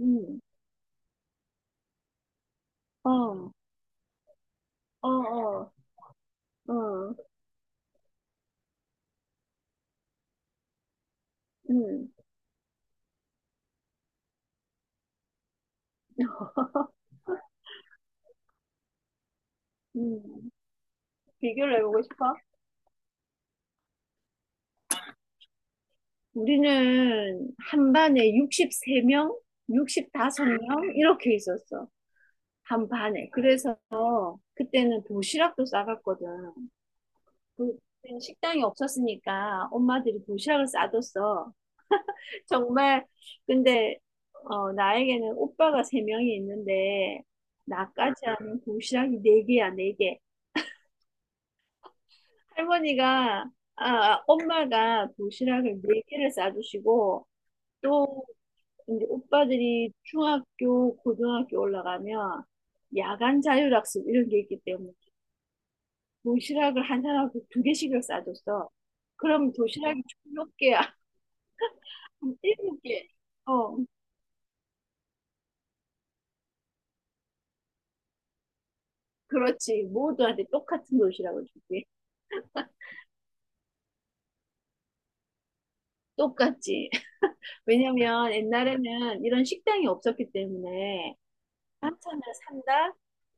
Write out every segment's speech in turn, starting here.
음. 어. 어. 어. 어. 음. 음. 비교를 해보고 싶어? 우리는 한 반에 63명, 65명 이렇게 있었어. 한 반에. 그래서 그때는 도시락도 싸갔거든. 그때는 식당이 없었으니까 엄마들이 도시락을 싸줬어. 정말. 근데 나에게는 오빠가 세명이 있는데 나까지 하면 도시락이 네개야네개 할머니가, 엄마가 도시락을 네 개를 싸주시고, 또 이제 오빠들이 중학교, 고등학교 올라가면 야간 자율학습 이런 게 있기 때문에 도시락을 한 사람한테 두 개씩을 싸줬어. 그럼 도시락이 총 몇 개야? 일곱 개. 어, 그렇지. 모두한테 똑같은 도시락을 줄게. 똑같지. 왜냐면 옛날에는 이런 식당이 없었기 때문에 반찬을 산다?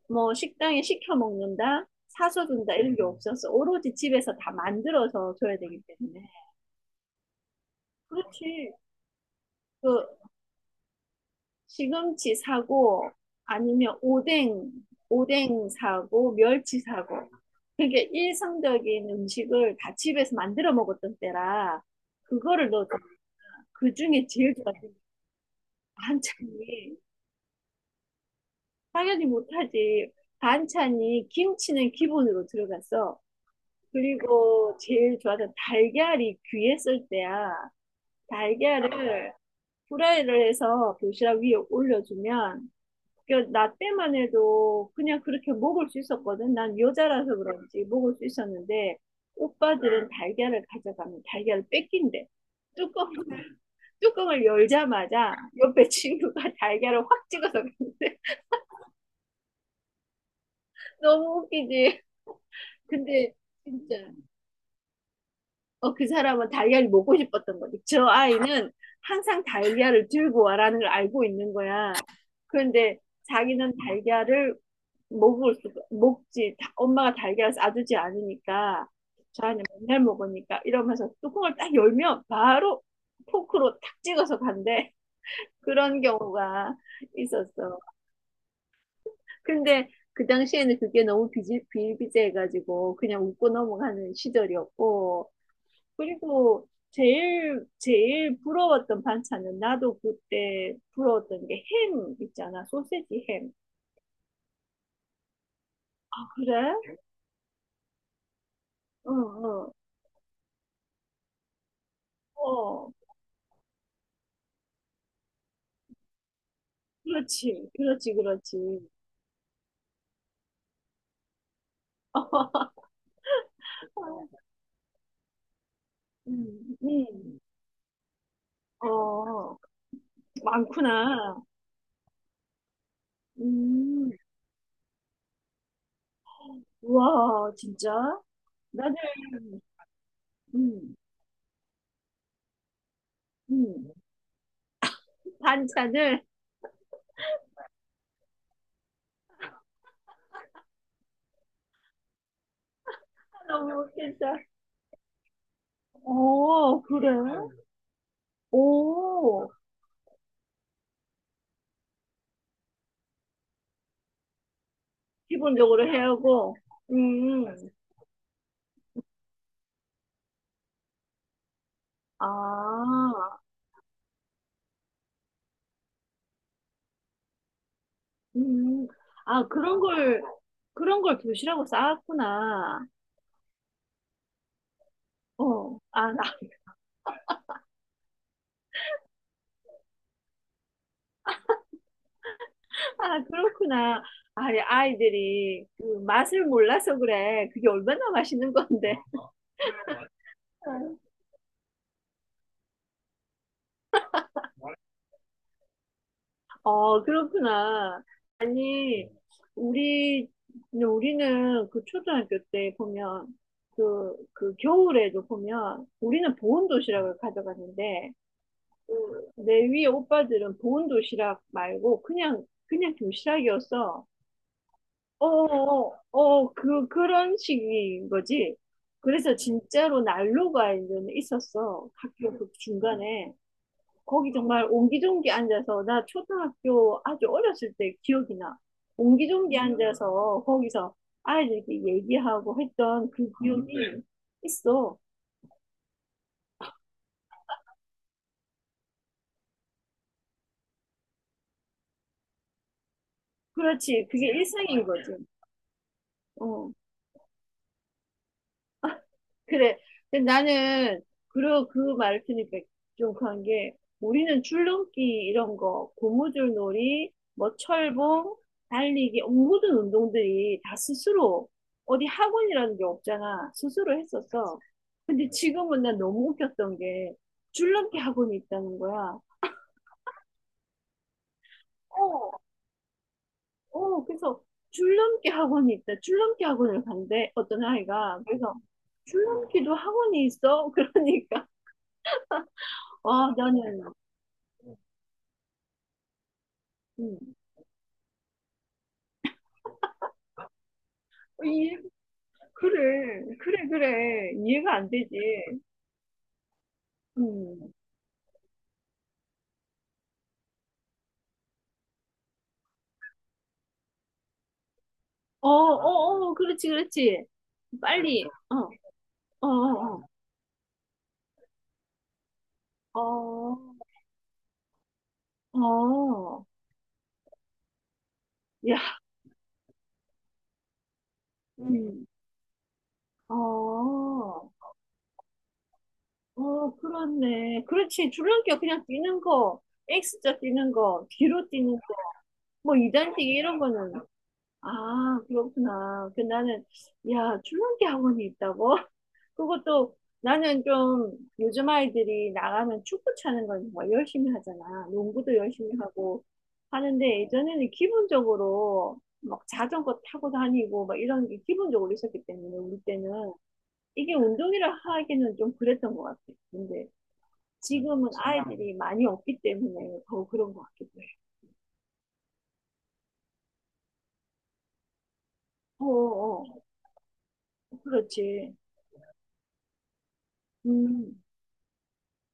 뭐 식당에 시켜 먹는다, 사서 준다 이런 게 없어서 오로지 집에서 다 만들어서 줘야 되기 때문에. 그렇지. 그 시금치 사고 아니면 오뎅, 오뎅 사고 멸치 사고. 그게 일상적인 음식을 다 집에서 만들어 먹었던 때라 그거를 넣어그 중에 제일 좋았던 게 반찬이 당연히 못하지. 반찬이 김치는 기본으로 들어갔어. 그리고 제일 좋아하는 달걀이 귀했을 때야. 달걀을 후라이를 해서 도시락 위에 올려주면 그 나 때만 해도 그냥 그렇게 먹을 수 있었거든. 난 여자라서 그런지 먹을 수 있었는데 오빠들은 달걀을 가져가면 달걀을 뺏긴대. 뚜껑, 뚜껑을 열자마자 옆에 친구가 달걀을 확 찍어서 갔는데 너무 웃기지. 근데 진짜 그 사람은 달걀이 먹고 싶었던 거지. 저 아이는 항상 달걀을 들고 와라는 걸 알고 있는 거야. 그런데 자기는 달걀을 먹지. 엄마가 달걀을 싸주지 않으니까, 저 아이는 맨날 먹으니까 이러면서 뚜껑을 딱 열면 바로 포크로 탁 찍어서 간대. 그런 경우가 있었어. 근데 그 당시에는 그게 너무 비일비재해가지고 그냥 웃고 넘어가는 시절이었고, 그리고 제일, 제일 부러웠던 반찬은 나도 그때 부러웠던 게 햄 있잖아. 소세지 햄. 아, 그래? 응, 응. 어, 그렇지. 그렇지, 그렇지. 음, 음. 어, 많구나. 음, 와, 진짜? 나는, 음, 음. 반찬을 너무 괜찮아. 어, 그래? 오, 기본적으로 해야 하고, 음. 아, 음, 음. 아, 그런 걸 도시라고 쌓았구나. 어, 아, 나- 아, 그렇구나. 아, 이 아이들이 그 맛을 몰라서 그래. 그게 얼마나 맛있는 건데. 어, 그렇구나. 아니, 우리, 우리는 그 초등학교 때 보면, 그 겨울에도 보면, 우리는 보온 도시락을 가져갔는데, 그, 내 위에 오빠들은 보온 도시락 말고 그냥 그냥 도시락이어서 어어어 그 그런 식인 거지. 그래서 진짜로 난로가 이제는 있었어. 학교 그 중간에 거기 정말 옹기종기 앉아서 나 초등학교 아주 어렸을 때 기억이 나. 옹기종기 앉아서 거기서 아이들끼리 얘기하고 했던 그 기억이 있어. 그렇지. 그게 일상인 거지. 어. 그래. 근데 나는 그러 그 말을 들으니까 좀 그런 게 우리는 줄넘기 이런 거, 고무줄 놀이, 뭐 철봉, 달리기 모든 운동들이 다 스스로 어디 학원이라는 게 없잖아. 스스로 했었어. 근데 지금은 난 너무 웃겼던 게 줄넘기 학원이 있다는 거야. 어, 어, 그래서 줄넘기 학원이 있다. 줄넘기 학원을 간대. 어떤 아이가. 그래서 줄넘기도 학원이 있어? 그러니까. 와, 나는, 음. 이, 그래, 그래, 그래. 이해가 안 되지. 음. 어, 어, 어, 그렇지, 그렇지. 빨리. 어, 어, 어, 어, 어, 어. 야, 음. 어, 어, 그렇네. 그렇지. 줄넘기가 그냥 뛰는 거, X자 뛰는 거, 뒤로 뛰는 거, 뭐 이단뛰기 이런 거는. 아, 그렇구나. 그 나는, 야, 줄넘기 학원이 있다고? 그것도 나는 좀 요즘 아이들이 나가면 축구 차는 걸 정말 열심히 하잖아. 농구도 열심히 하고 하는데 예전에는 기본적으로 막 자전거 타고 다니고 막 이런 게 기본적으로 있었기 때문에 우리 때는 이게 운동이라 하기는 좀 그랬던 것 같아. 근데 지금은 아이들이 많이 없기 때문에 더 그런 것 같기도 해. 어, 어, 그렇지. 음.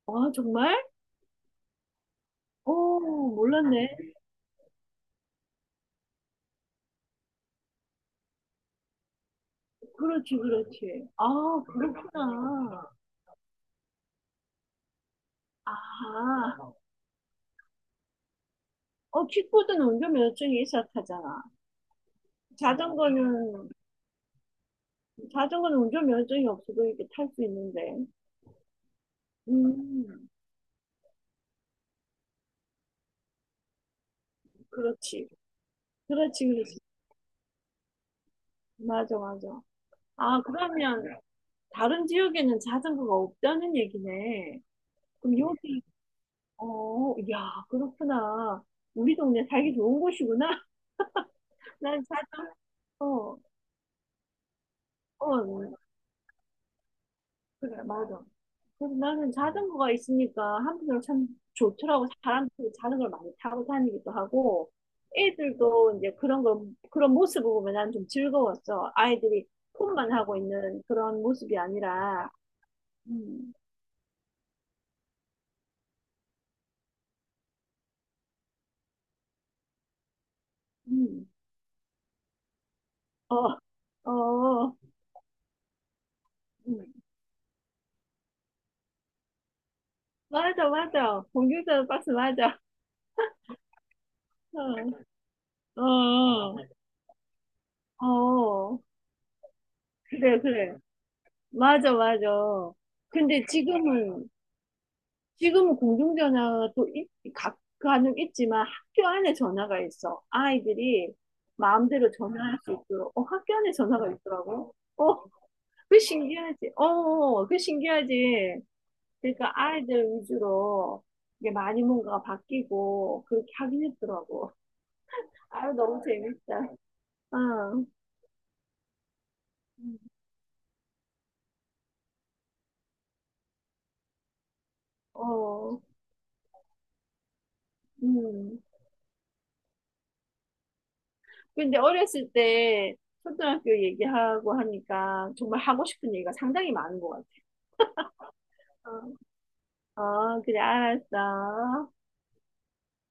아, 정말? 오, 몰랐네. 그렇지, 그렇지. 아, 그렇구나. 아, 어, 킥보드는 운전면허증이 있어야 타잖아. 자전거는, 자전거는 운전면허증이 없어도 이렇게 탈 수 있는데. 음, 그렇지. 그렇지, 그렇지. 맞아, 맞아. 아, 그러면 다른 지역에는 자전거가 없다는 얘기네. 그럼 여기, 어, 야, 그렇구나. 우리 동네 살기 좋은 곳이구나. 난 자, 어, 어, 그래, 맞아. 그래서 나는 자전거가 있으니까 한편으로 참 좋더라고. 사람들이 자전거를 많이 타고 다니기도 하고, 애들도 이제 그런 모습을 보면 난 좀 즐거웠어. 아이들이 폰만 하고 있는 그런 모습이 아니라, 음, 음, 어, 어, 음. 맞아, 맞아. 공중전 박스 맞아. 어, 어, 어, 그래, 그래. 맞아, 맞아. 근데 지금은 공중전화도 간혹 있지만 학교 안에 전화가 있어. 아이들이 마음대로 전화할 수 있도록. 어, 학교 안에 전화가 있더라고. 어, 그 신기하지. 어, 그 신기하지. 그러니까 아이들 위주로 이게 많이 뭔가 바뀌고 그렇게 하긴 했더라고. 아유, 너무 재밌다. 어, 어, 음. 근데 어렸을 때 초등학교 얘기하고 하니까 정말 하고 싶은 얘기가 상당히 많은 것 같아. 어. 어, 그래, 알았어.